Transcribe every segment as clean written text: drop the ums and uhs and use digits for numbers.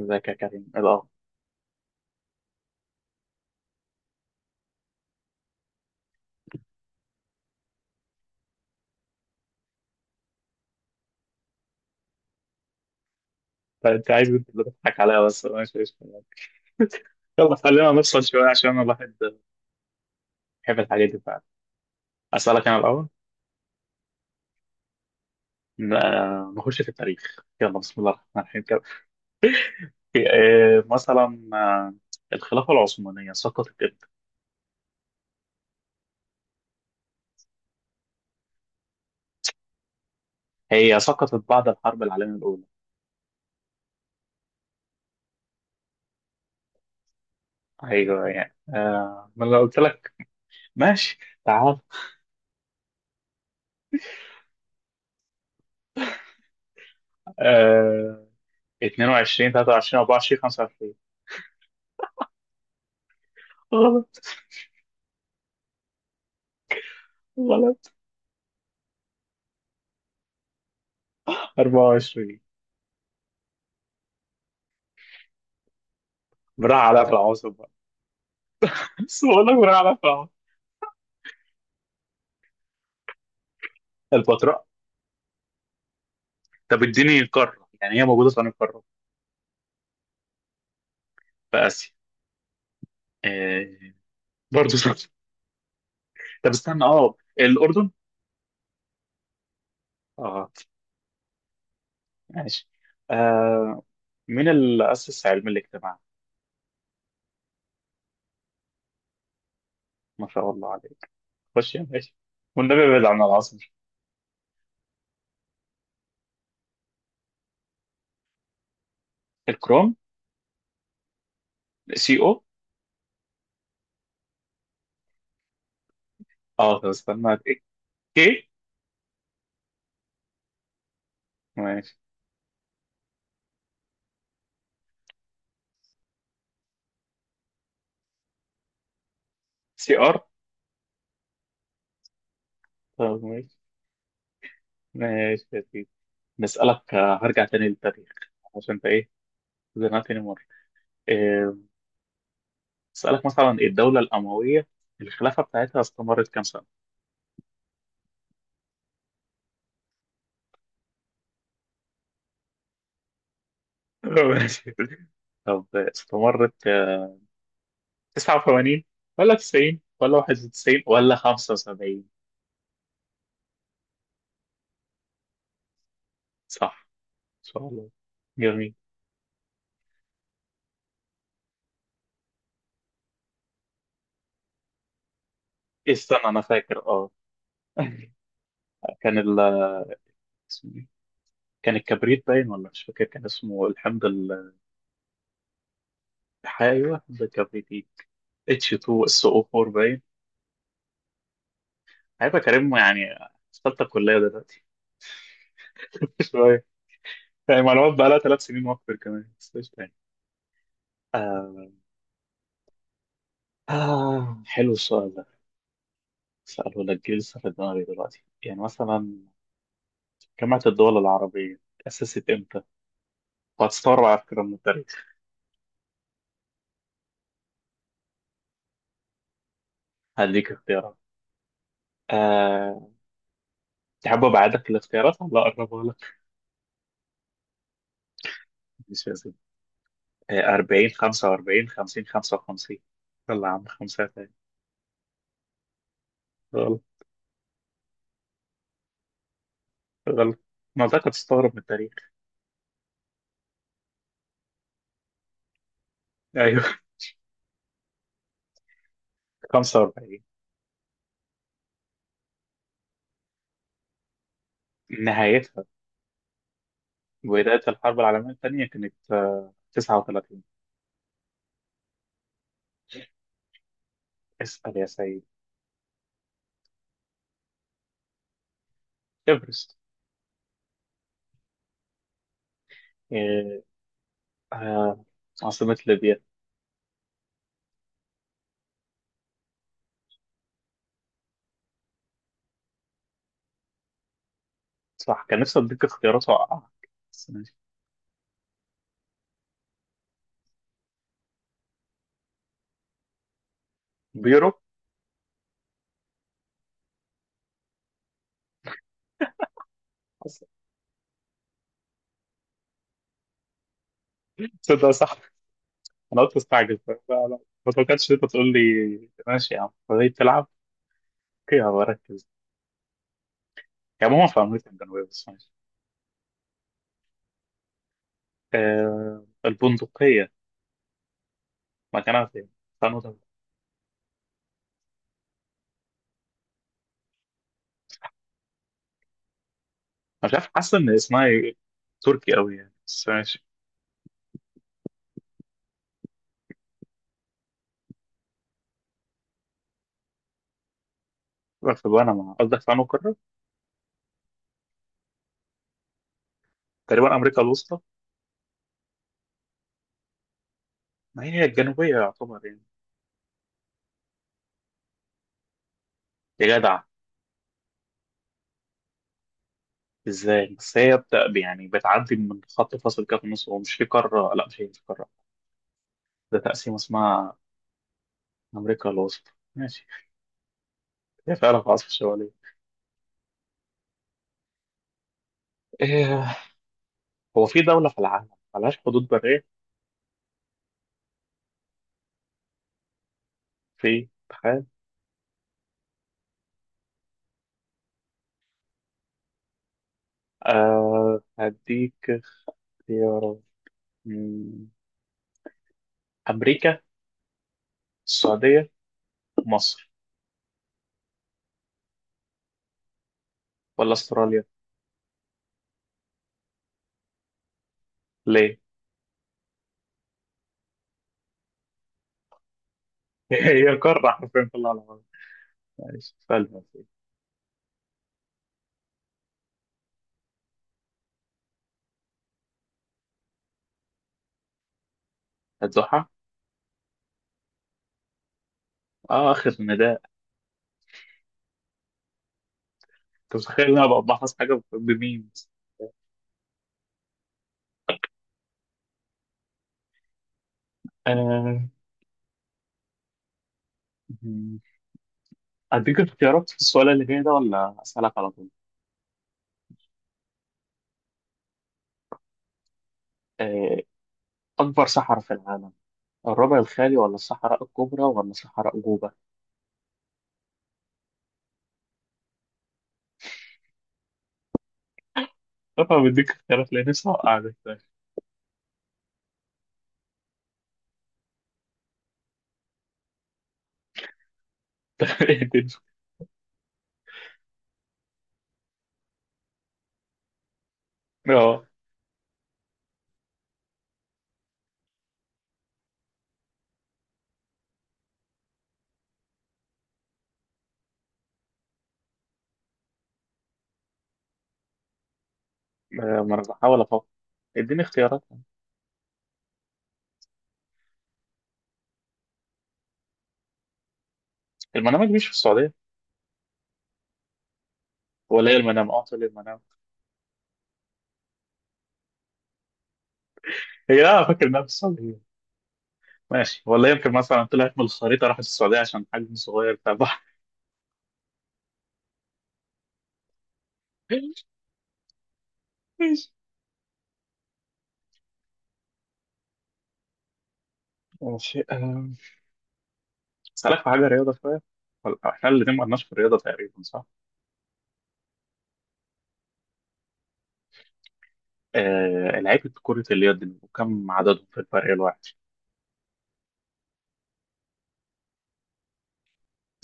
ازيك يا كريم؟ إيه الاخبار؟ طيب، انت عايز انت اللي تضحك عليا بس انا مش عايز. يلا خلينا نفصل شويه عشان انا الواحد بيحب الحاجات دي فعلا. اسالك انا الاول. نخش في التاريخ، يلا بسم الله الرحمن الرحيم كده. إيه، مثلا آه، الخلافه العثمانيه سقطت امتى؟ هي سقطت بعد الحرب العالميه الاولى. ايوه ما انا قلت لك. ماشي، تعال. آه، 22 23 24 25. غلط. غلط. 24. براح عليك العواصم. بس بقول لك، بنعرف أهو. البتراء. طب اديني قارة، يعني هي موجودة في أنهي قارة؟ في آسيا. إيه، برضه صح. طب استنى، اه الأردن. اه ماشي. آه مين اللي أسس علم الاجتماع؟ ما شاء الله عليك، خش يا باشا. والنبي ابعد عن العاصمة. الكروم. سي او. اه طب استنى. كي. ماشي. سي ار. طب ماشي. ماشي يا سيدي. نسألك، هرجع تاني للتاريخ عشان انت ايه زنقتني مرة. آه، اسالك مثلا، ايه الدوله الامويه الخلافه بتاعتها استمرت كام سنه؟ ماشي. طب استمرت، 89 ولا 90 ولا 91 ولا 75؟ صح، ان شاء الله، جميل. استنى انا فاكر اه. كان ال اسمه إيه؟ كان الكبريت باين، ولا مش فاكر كان اسمه ايوه حمض الكبريت، ايه اتش 2 اس او 4 باين. هيبقى كريم يعني في ثالثه كليه دلوقتي. شويه يعني معلومات بقى لها ثلاث سنين واكتر كمان، بس إيش تاني؟ آه، آه حلو السؤال ده، سأله لك جه لسه في دماغي دلوقتي. يعني مثلا جامعة الدول العربية تأسست إمتى؟ وهتستغرب على فكرة من التاريخ. هديك اختيارات. آه، تحب أبعدك الاختيارات ولا أقربها لك؟ مش لازم. 40 45 50 55. يلا يا عم، خمسة تاني. غلط. غلط. ما أنت تستغرب من التاريخ. أيوه. 45. نهايتها. بداية الحرب العالمية الثانية كانت 39. اسأل يا سيد. إيفرست. آه، آه، عاصمة ليبيا. صح، كان نفسي أديك اختيارات وأوقعك، بس ماشي. بيرو. تصدق صح، أنا قلت استعجل لا لا. ما توقعتش إن أنت تقول لي ماشي يا عم، فهي بتلعب. أوكي هبركز. يعني عموما في أمريكا الجنوبية، بس ماشي. البندقية مكانها فين؟ استنوا طب. مش عارف، حاسس إن اسمها تركي أوي يعني، بس ماشي. في بنما، قصدك في أنهي قارة؟ تقريبا أمريكا الوسطى. ما هي الجنوبية يعتبر يعني. يا جدع. ازاي بس؟ يعني بتعدي من خط فاصل كده في النص، ومش في قاره، لا مش هي مش قاره، ده تقسيم اسمها امريكا الوسطى. ماشي، هي فعلا في العاصمه الشماليه. إيه... هو في دوله في العالم ملهاش حدود بريه؟ في، تخيل. هديك اختيارات. مم، امريكا، السعوديه، مصر، ولا استراليا؟ ليه؟ هي قاره حرفيا في العالم. ماشي سالفه. هتزحها. اه اخر نداء. انت متخيل ان انا ببحث حاجه بمين؟ آه. أديك اختيارات في السؤال اللي جاي ده، ولا أسألك على طول؟ آه، أكبر صحراء في العالم: الربع الخالي ولا الصحراء الكبرى ولا صحراء جوبا؟ طبعا بديك اختيارات لأن لسه وقعت. أه. آه، ما أنا بحاول أفكر، اديني اختيارات. المنامة دي مش في السعودية؟ ولا هي المنامة؟ أه طلع المنامة. هي لا، أنا فاكر إنها في السعودية. ماشي، ولا يمكن مثلا طلعت من الخريطة راحت السعودية عشان حجم صغير بتاع البحر. ماشي. ماشي، أسألك في حاجة رياضة شوية. إحنا الاتنين ما قلناش في الرياضة تقريبا، صح؟ آه، لعيبة كرة اليد وكم عددهم في الفريق الواحد؟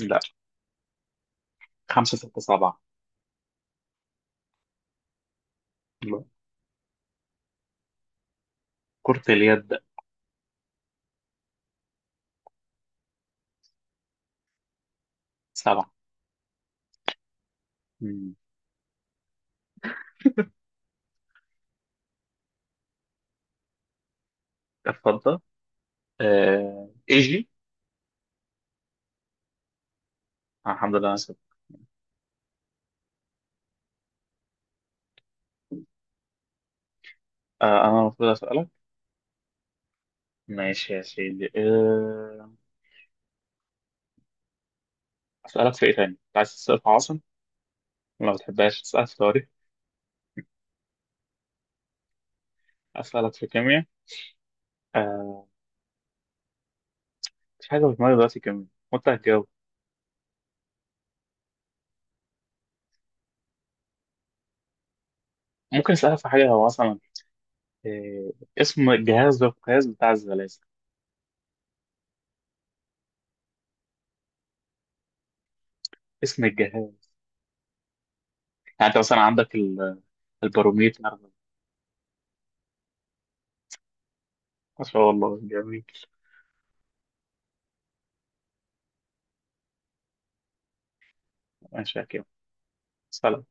لا. خمسة، ستة، سبعة. لا. كرة اليد. سبعة. مم. اتفضل. آه، ايجي. الحمد لله انا سبت. انا المفروض اسألك. ماشي يا سيدي، اسألك في ايه تاني؟ أنت عايز تسأل في عاصم؟ ما بتحبهاش، تسألك في تاريخ؟ اسألك في كيمياء. آه، مفيش حاجة في دماغي دلوقتي كيمياء وانت هتجاوب. ممكن اسألك في حاجة، هو مثلا، آه، اسم الجهاز ده القياس بتاع الزلازل؟ اسم الجهاز، يعني انت مثلا عندك الباروميتر. ما شاء الله، جميل. ماشي يا كريم، سلام.